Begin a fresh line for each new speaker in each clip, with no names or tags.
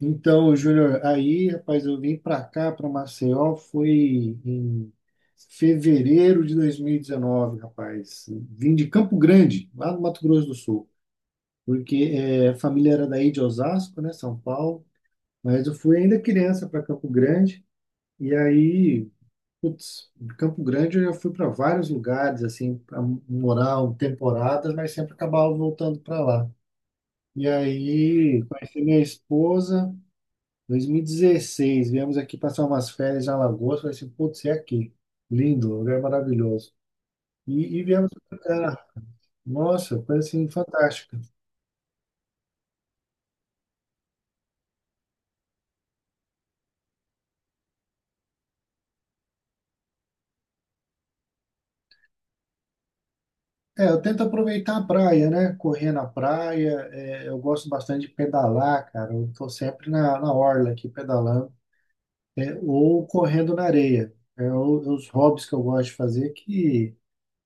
Então, Júnior, aí, rapaz, eu vim para cá, para Maceió, foi em fevereiro de 2019, rapaz. Vim de Campo Grande, lá no Mato Grosso do Sul, porque a família era daí de Osasco, né, São Paulo, mas eu fui ainda criança para Campo Grande, e aí, putz, de Campo Grande eu já fui para vários lugares, assim, para morar um temporadas, mas sempre acabava voltando para lá. E aí, conheci minha esposa. 2016, viemos aqui passar umas férias em Alagoas, falei assim, putz, é aqui. Lindo, um lugar maravilhoso. E viemos pra cá. Nossa, coisa assim, fantástica. É, eu tento aproveitar a praia, né? Correr na praia, eu gosto bastante de pedalar, cara. Eu tô sempre na orla aqui pedalando, ou correndo na areia. É os hobbies que eu gosto de fazer que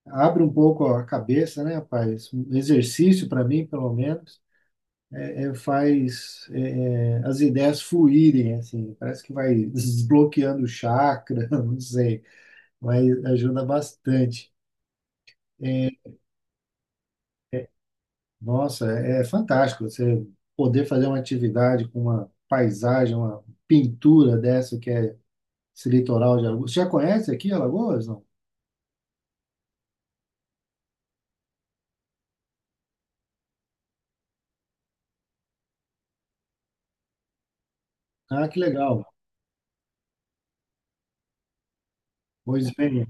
abre um pouco a cabeça, né, rapaz? Um exercício para mim, pelo menos. Faz as ideias fluírem, assim, parece que vai desbloqueando o chakra, não sei, mas ajuda bastante. É, Nossa, é fantástico você poder fazer uma atividade com uma paisagem, uma pintura dessa que é esse litoral de Alagoas. Você já conhece aqui Alagoas, não? Ah, que legal. Pois bem,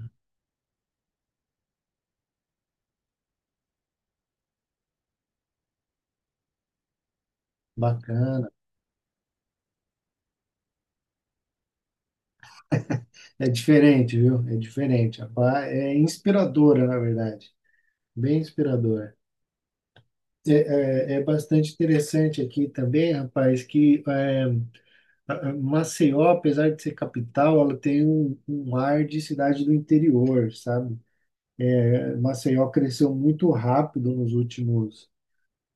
bacana. É diferente, viu? É diferente. Rapaz, é inspiradora, na verdade. Bem inspiradora. É, É bastante interessante aqui também, rapaz, a Maceió, apesar de ser capital, ela tem um ar de cidade do interior, sabe? É, Maceió cresceu muito rápido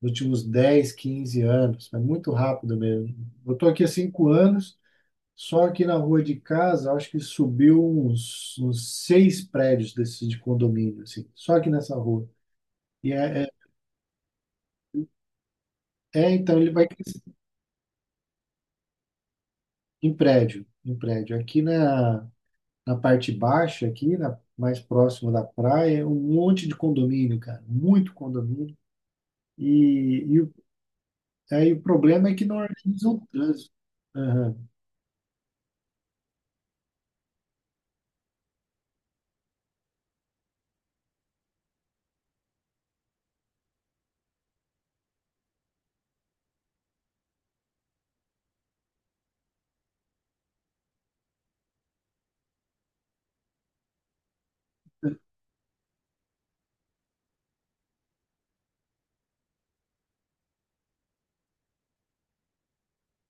nos últimos 10, 15 anos, é muito rápido mesmo. Eu estou aqui há 5 anos, só aqui na rua de casa, acho que subiu uns, seis prédios desses de condomínio, assim, só aqui nessa rua. E então ele vai. Em prédio, em prédio. Aqui na, na parte baixa, aqui na, mais próximo da praia, é um monte de condomínio, cara, muito condomínio. E, e o- Aí o problema é que não organizam o trânsito. Aham,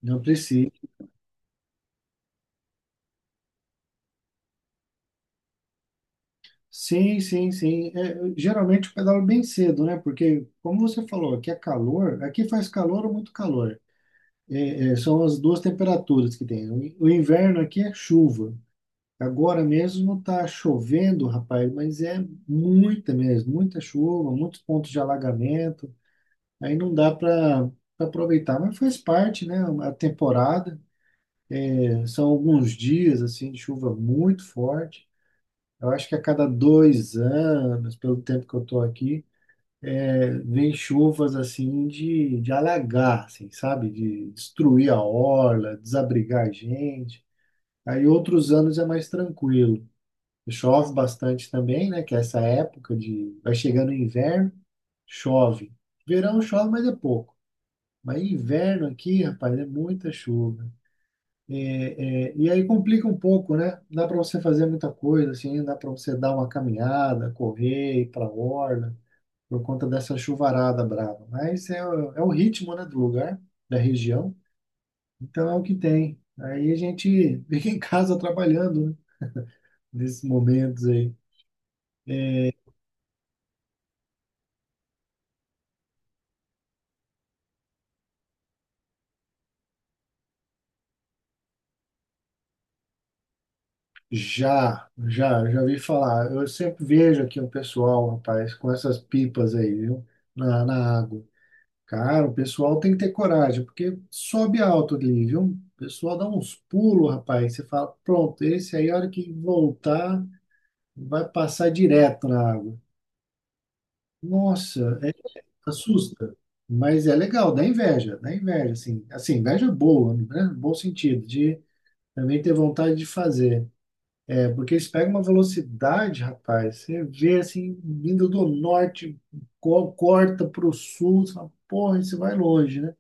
não precisa. Sim, sim, sim. É, geralmente eu pedalo bem cedo, né? Porque, como você falou, aqui é calor, aqui faz calor ou muito calor. São as duas temperaturas que tem. O inverno aqui é chuva. Agora mesmo está chovendo, rapaz, mas é muita mesmo, muita chuva, muitos pontos de alagamento. Aí não dá para aproveitar, mas faz parte, né? A temporada. São alguns dias assim de chuva muito forte. Eu acho que a cada 2 anos, pelo tempo que eu estou aqui, vem chuvas assim de alagar, assim, sabe? De destruir a orla, desabrigar a gente. Aí outros anos é mais tranquilo. Chove bastante também, né? Que é essa época de. Vai chegando o inverno, chove. Verão chove, mas é pouco. Mas inverno aqui, rapaz, é muita chuva. E aí complica um pouco, né? Dá para você fazer muita coisa, assim, dá para você dar uma caminhada, correr, ir para orla, por conta dessa chuvarada brava. Mas é o ritmo, né, do lugar, da região. Então é o que tem. Aí a gente fica em casa trabalhando, né? Nesses momentos aí. Já ouvi falar. Eu sempre vejo aqui um pessoal, rapaz, com essas pipas aí, viu? Na água. Cara, o pessoal tem que ter coragem, porque sobe alto ali, viu? O pessoal dá uns pulos, rapaz. Você fala, pronto, esse aí, a hora que voltar, vai passar direto na água. Nossa, assusta. Mas é legal, dá inveja, assim. Assim, inveja é boa, né? Bom sentido, de também ter vontade de fazer. É porque eles pegam uma velocidade, rapaz. Você vê assim, vindo do norte, corta para o sul, você fala, porra, isso vai longe, né?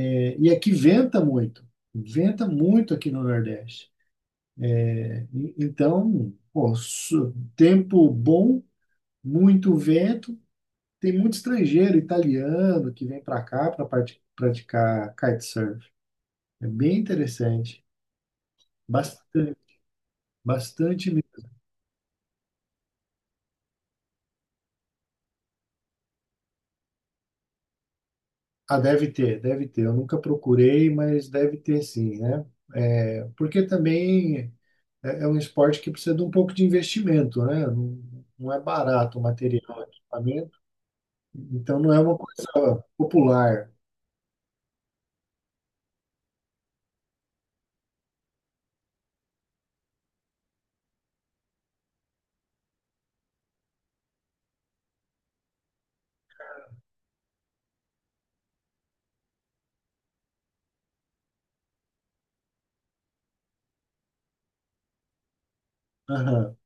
E aqui venta muito. Venta muito aqui no Nordeste. Né? Então, pô, tempo bom, muito vento. Tem muito estrangeiro, italiano, que vem para cá para praticar kitesurf. É bem interessante. Bastante, bastante. Ah, deve ter, deve ter. Eu nunca procurei, mas deve ter sim, né? É, porque também é um esporte que precisa de um pouco de investimento, né? Não, não é barato o material, o equipamento, então não é uma coisa popular. Aham.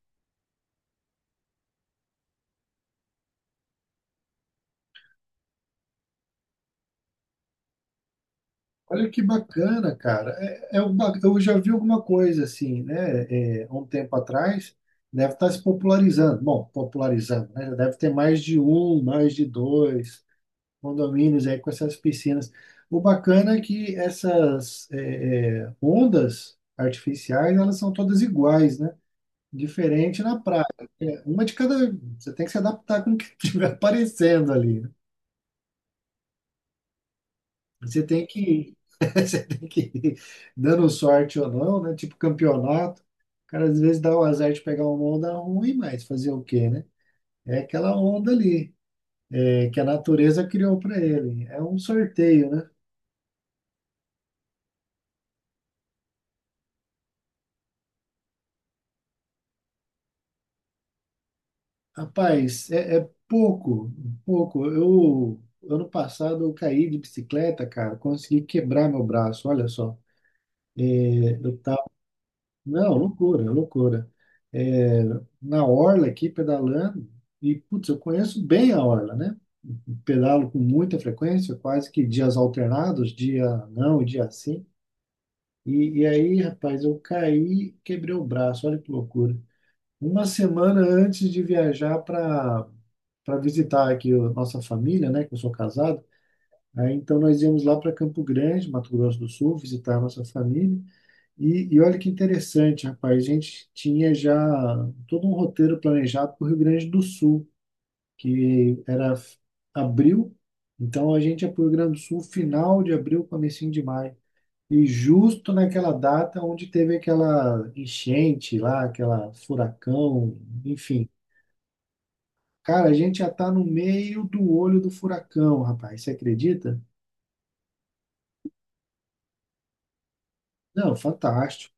Olha que bacana, cara. É, eu já vi alguma coisa assim, né? É, há um tempo atrás, deve estar se popularizando. Bom, popularizando, né? Deve ter mais de um, mais de dois condomínios aí com essas piscinas. O bacana é que essas ondas artificiais, elas são todas iguais, né? Diferente na praia. Uma de cada. Você tem que se adaptar com o que estiver aparecendo ali, né? Você tem que, você tem que ir dando sorte ou não, né? Tipo campeonato. O cara às vezes dá o azar de pegar uma onda ruim, mas fazer o quê, né? É aquela onda ali, que a natureza criou para ele. É um sorteio, né? Rapaz, é pouco, pouco. Ano passado, eu caí de bicicleta, cara, consegui quebrar meu braço, olha só. Não, loucura, loucura. É, na orla aqui, pedalando, e, putz, eu conheço bem a orla, né? Pedalo com muita frequência, quase que dias alternados, dia não e dia sim. Aí, rapaz, eu caí, quebrei o braço, olha que loucura. Uma semana antes de viajar para para visitar aqui a nossa família, né, que eu sou casado. Aí, então nós íamos lá para Campo Grande, Mato Grosso do Sul, visitar a nossa família. Olha que interessante, rapaz, a gente tinha já todo um roteiro planejado para o Rio Grande do Sul, que era abril, então a gente ia para o Rio Grande do Sul final de abril, comecinho de maio. E justo naquela data onde teve aquela enchente lá, aquela furacão, enfim, cara, a gente já está no meio do olho do furacão, rapaz. Você acredita? Não, fantástico.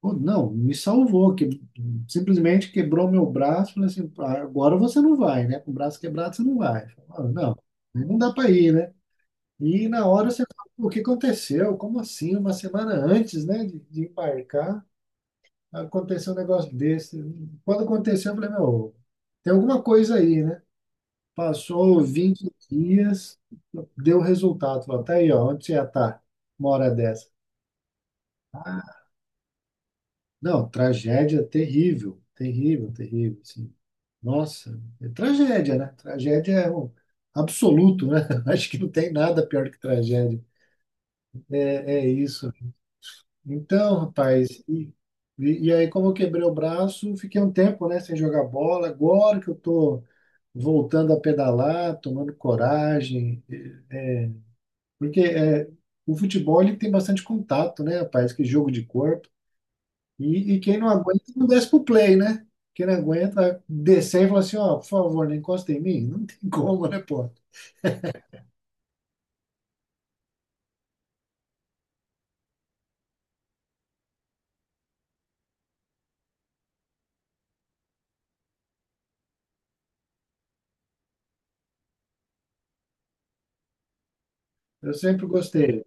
Pô, não, me salvou, que simplesmente quebrou meu braço. Falei assim, "Ah, agora você não vai, né? Com o braço quebrado você não vai." Falei, não, não dá para ir, né? E na hora você fala, "Pô, o que aconteceu? Como assim? Uma semana antes, né, de embarcar, aconteceu um negócio desse." Quando aconteceu, eu falei, meu, tem alguma coisa aí, né? Passou 20 dias, deu resultado. Falou, tá aí, ó, onde você ia estar uma hora dessa? Ah, não, tragédia terrível, terrível, terrível, assim. Nossa, é tragédia, né? Tragédia é um absoluto, né? Acho que não tem nada pior que tragédia. É é isso. Então, rapaz, e aí como eu quebrei o braço, fiquei um tempo, né, sem jogar bola. Agora que eu tô voltando a pedalar, tomando coragem, porque é, o futebol ele tem bastante contato, né, rapaz? Que jogo de corpo. Quem não aguenta não desce pro play, né? Quem não aguenta vai descer e falar assim, ó, por favor, não encosta em mim. Não tem como, né, pô? Eu sempre gostei.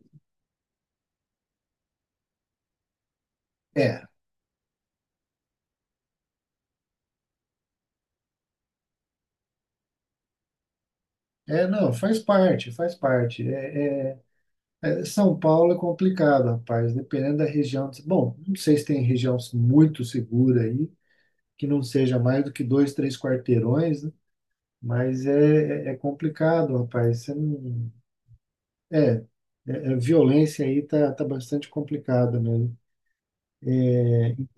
É, não, faz parte, faz parte. É, São Paulo é complicado, rapaz, dependendo da região. Bom, não sei se tem região muito segura aí, que não seja mais do que dois, três quarteirões, né? Mas é complicado, rapaz. Você não, É, a violência aí tá bastante complicada mesmo.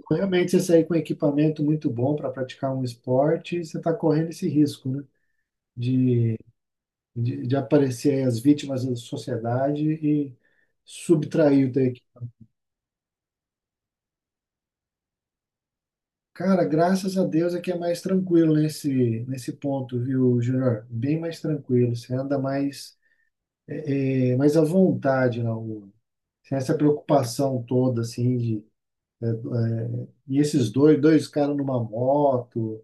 Realmente, você sair com equipamento muito bom para praticar um esporte, você está correndo esse risco, né? De, de aparecer aí as vítimas da sociedade e subtrair o teu equi-. Cara, graças a Deus é que é mais tranquilo nesse ponto, viu, Júnior? Bem mais tranquilo. Você anda mais, mais à vontade na rua. Sem essa preocupação toda, assim, de. E esses dois caras numa moto,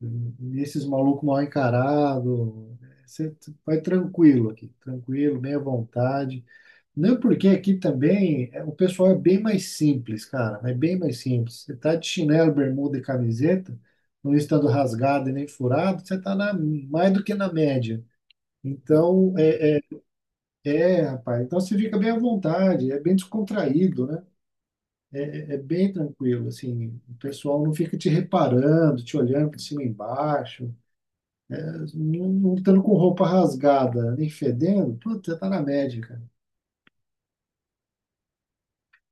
e esses malucos mal encarados. Você vai tranquilo aqui, tranquilo, bem à vontade. Não é porque aqui também é, o pessoal é bem mais simples, cara, é bem mais simples. Você tá de chinelo, bermuda e camiseta, não estando rasgado e nem furado, você tá na, mais do que na média. Então, rapaz, então você fica bem à vontade, é bem descontraído, né? É bem tranquilo, assim, o pessoal não fica te reparando, te olhando por cima e embaixo, não, não estando com roupa rasgada, nem fedendo, puta, tá na média, cara.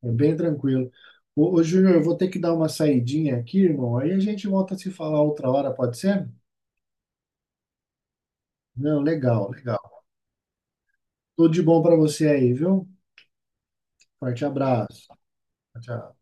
É bem tranquilo. Ô Júnior, eu vou ter que dar uma saidinha aqui, irmão, aí a gente volta a se falar outra hora, pode ser? Não, legal, legal. Tudo de bom pra você aí, viu? Forte abraço. Tchau.